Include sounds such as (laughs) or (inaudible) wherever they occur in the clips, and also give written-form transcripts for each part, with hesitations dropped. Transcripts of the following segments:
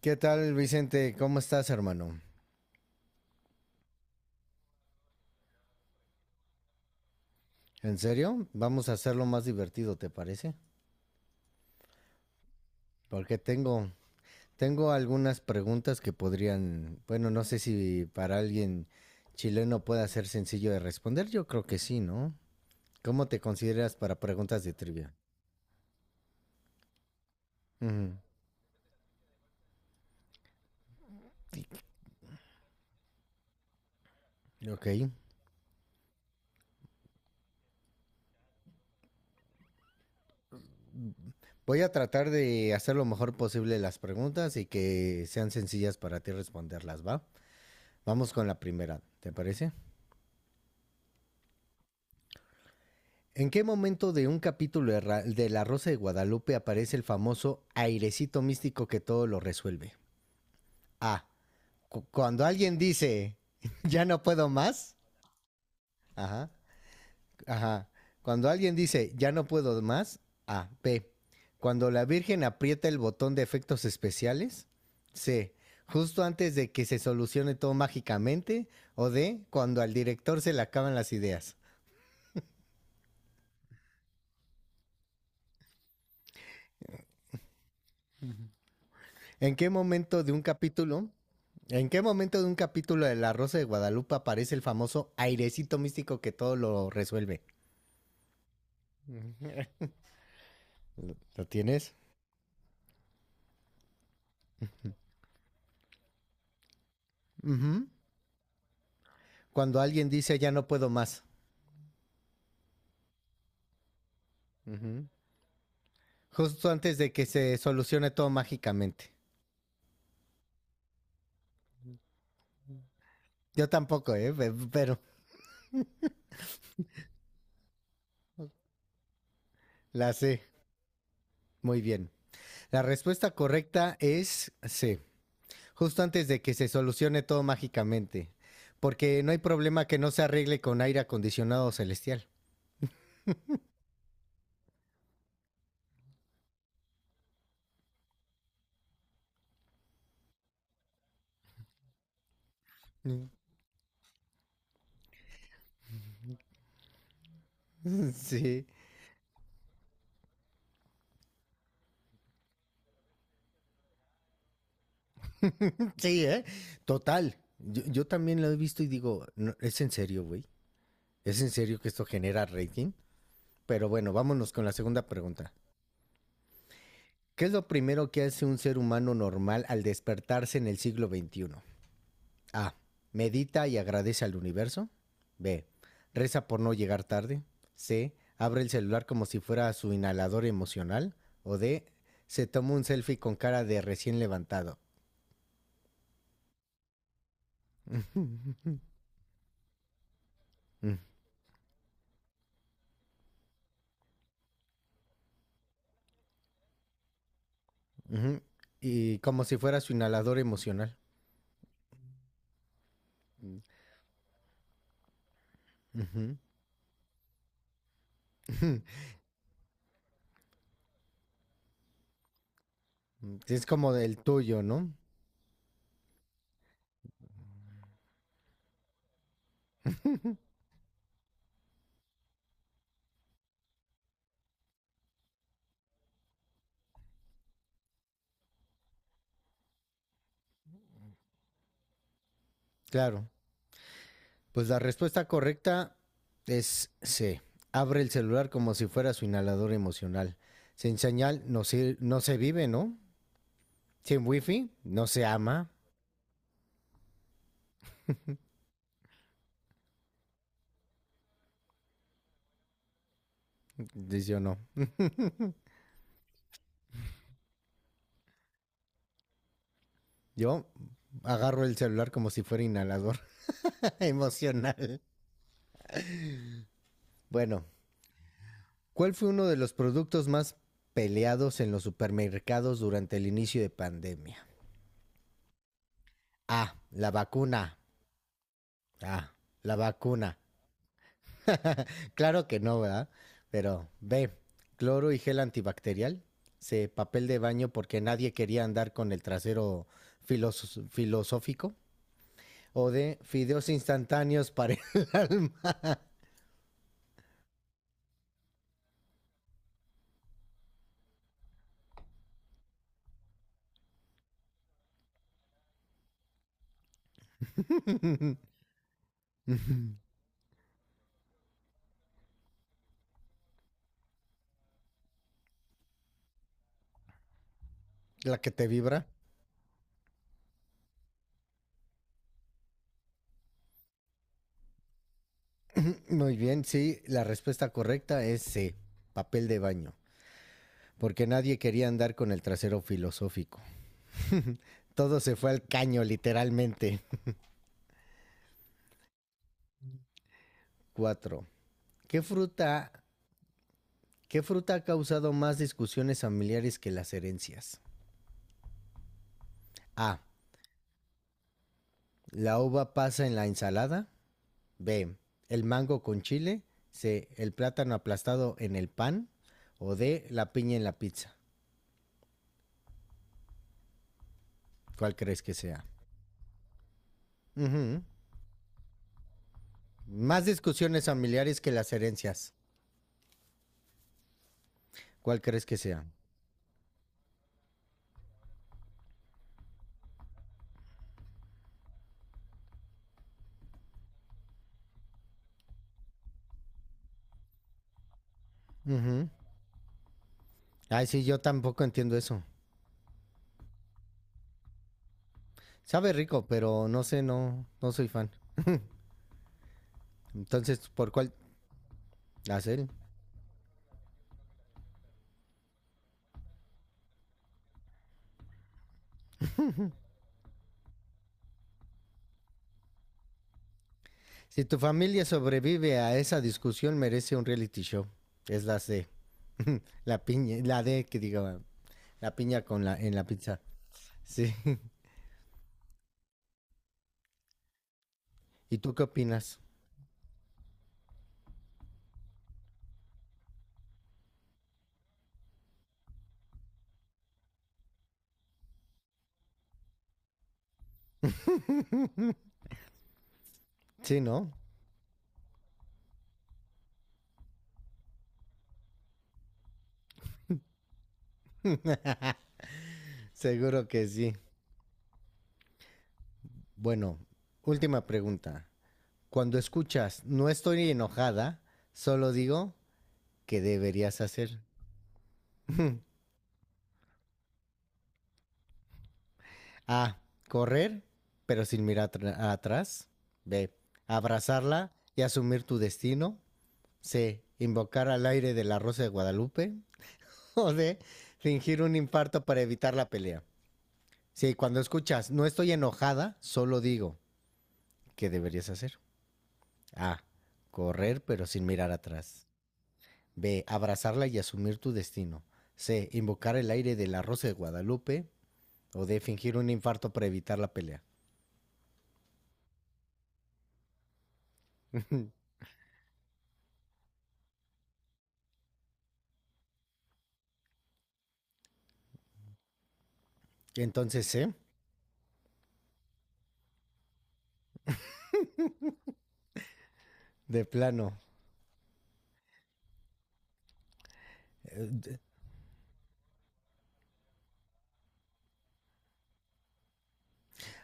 ¿Qué tal, Vicente? ¿Cómo estás, hermano? ¿En serio? Vamos a hacerlo más divertido, ¿te parece? Porque tengo algunas preguntas que podrían, bueno, no sé si para alguien chileno pueda ser sencillo de responder. Yo creo que sí, ¿no? ¿Cómo te consideras para preguntas de trivia? Ujú. Ok. Voy a tratar de hacer lo mejor posible las preguntas y que sean sencillas para ti responderlas, ¿va? Vamos con la primera, ¿te parece? ¿En qué momento de un capítulo de, de La Rosa de Guadalupe aparece el famoso airecito místico que todo lo resuelve? A. Cuando alguien dice, (laughs) ya no puedo más. Ajá. Ajá. Cuando alguien dice, ya no puedo más. A. B. Cuando la Virgen aprieta el botón de efectos especiales. C. Justo antes de que se solucione todo mágicamente. O D. Cuando al director se le acaban las ideas. ¿En qué momento de un capítulo? ¿En qué momento de un capítulo de La Rosa de Guadalupe aparece el famoso airecito místico que todo lo resuelve? ¿Lo tienes? Ujú. Cuando alguien dice ya no puedo más. Ujú. Justo antes de que se solucione todo mágicamente. Yo tampoco, ¿eh? Pero la sé. Muy bien. La respuesta correcta es C. Justo antes de que se solucione todo mágicamente. Porque no hay problema que no se arregle con aire acondicionado celestial. Mm. (laughs) Sí, sí, ¿eh? Total. Yo también lo he visto y digo, no, es en serio, güey. Es en serio que esto genera rating. Pero bueno, vámonos con la segunda pregunta. ¿Qué es lo primero que hace un ser humano normal al despertarse en el siglo XXI? A. Medita y agradece al universo. B. Reza por no llegar tarde. C. Abre el celular como si fuera su inhalador emocional. O D. Se toma un selfie con cara de recién levantado. (laughs) Ujú. Y como si fuera su inhalador emocional. Ujú. (laughs) Es como del tuyo, ¿no? Claro. Pues la respuesta correcta es C. Abre el celular como si fuera su inhalador emocional. Sin señal no se vive, ¿no? Sin wifi no se ama. Dice yo no. Yo agarro el celular como si fuera inhalador (laughs) emocional. Bueno, ¿cuál fue uno de los productos más peleados en los supermercados durante el inicio de pandemia? Ah, la vacuna. Ah, la vacuna. Claro que no, ¿verdad? Pero B, cloro y gel antibacterial. C, papel de baño porque nadie quería andar con el trasero filosófico. O D, fideos instantáneos para el (laughs) alma. La que te vibra. Muy bien, sí, la respuesta correcta es C, papel de baño. Porque nadie quería andar con el trasero filosófico. Todo se fue al caño, literalmente. (laughs) Cuatro. ¿Qué fruta ¿Qué fruta ha causado más discusiones familiares que las herencias? A. La uva pasa en la ensalada. B. El mango con chile. C. El plátano aplastado en el pan. O D. La piña en la pizza. ¿Cuál crees que sea? Ujú. Más discusiones familiares que las herencias. ¿Cuál crees que sea? Ujú. Ay, sí, yo tampoco entiendo eso. Sabe rico, pero no sé, no soy fan. Entonces, ¿por cuál? Hacer. Si tu familia sobrevive a esa discusión, merece un reality show. Es la C. (laughs) La piña, la D que digo, la piña con la en la pizza. Sí. (laughs) ¿Y tú qué opinas? Sí, ¿no? Seguro que sí. Bueno, última pregunta. Cuando escuchas no estoy enojada, solo digo que deberías hacer. (laughs) A. Correr, pero sin mirar atrás. B. Abrazarla y asumir tu destino. C. Invocar al aire de la Rosa de Guadalupe. (laughs) O D. Fingir un infarto para evitar la pelea. Sí, cuando escuchas, no estoy enojada, solo digo, ¿qué deberías hacer? A. Correr pero sin mirar atrás. B. Abrazarla y asumir tu destino. C. Invocar el aire de la Rosa de Guadalupe. O D. Fingir un infarto para evitar la pelea. Entonces C. De plano. eh,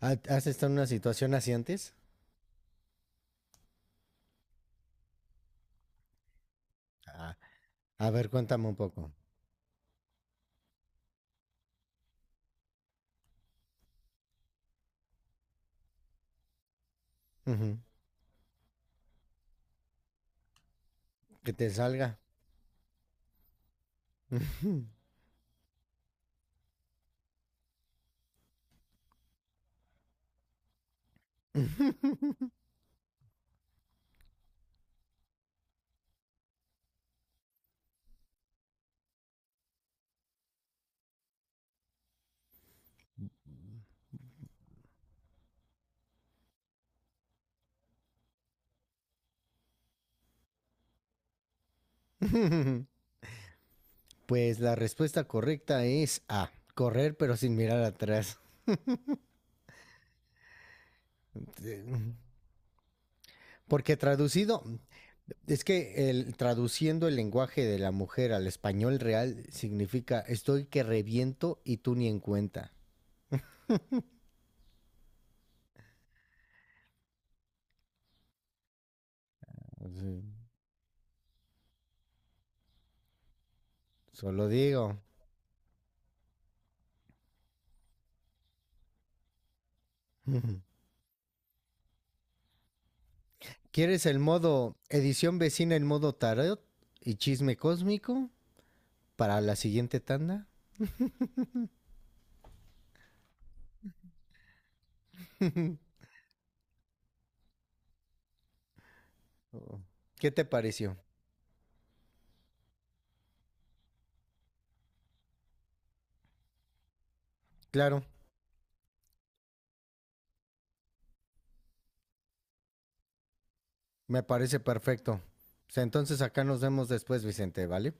¿Has estado en una situación así antes? Ah. A ver, cuéntame un poco. Ujú. Que te salga. (laughs) Pues la respuesta correcta es A, correr pero sin mirar atrás. Porque traducido, es que traduciendo el lenguaje de la mujer al español real significa estoy que reviento y tú ni en cuenta. Así. Solo digo. (laughs) ¿Quieres el modo edición vecina en modo tarot y chisme cósmico para la siguiente tanda? Oh. ¿Qué te pareció? Claro. Me parece perfecto. Pues entonces acá nos vemos después, Vicente, ¿vale?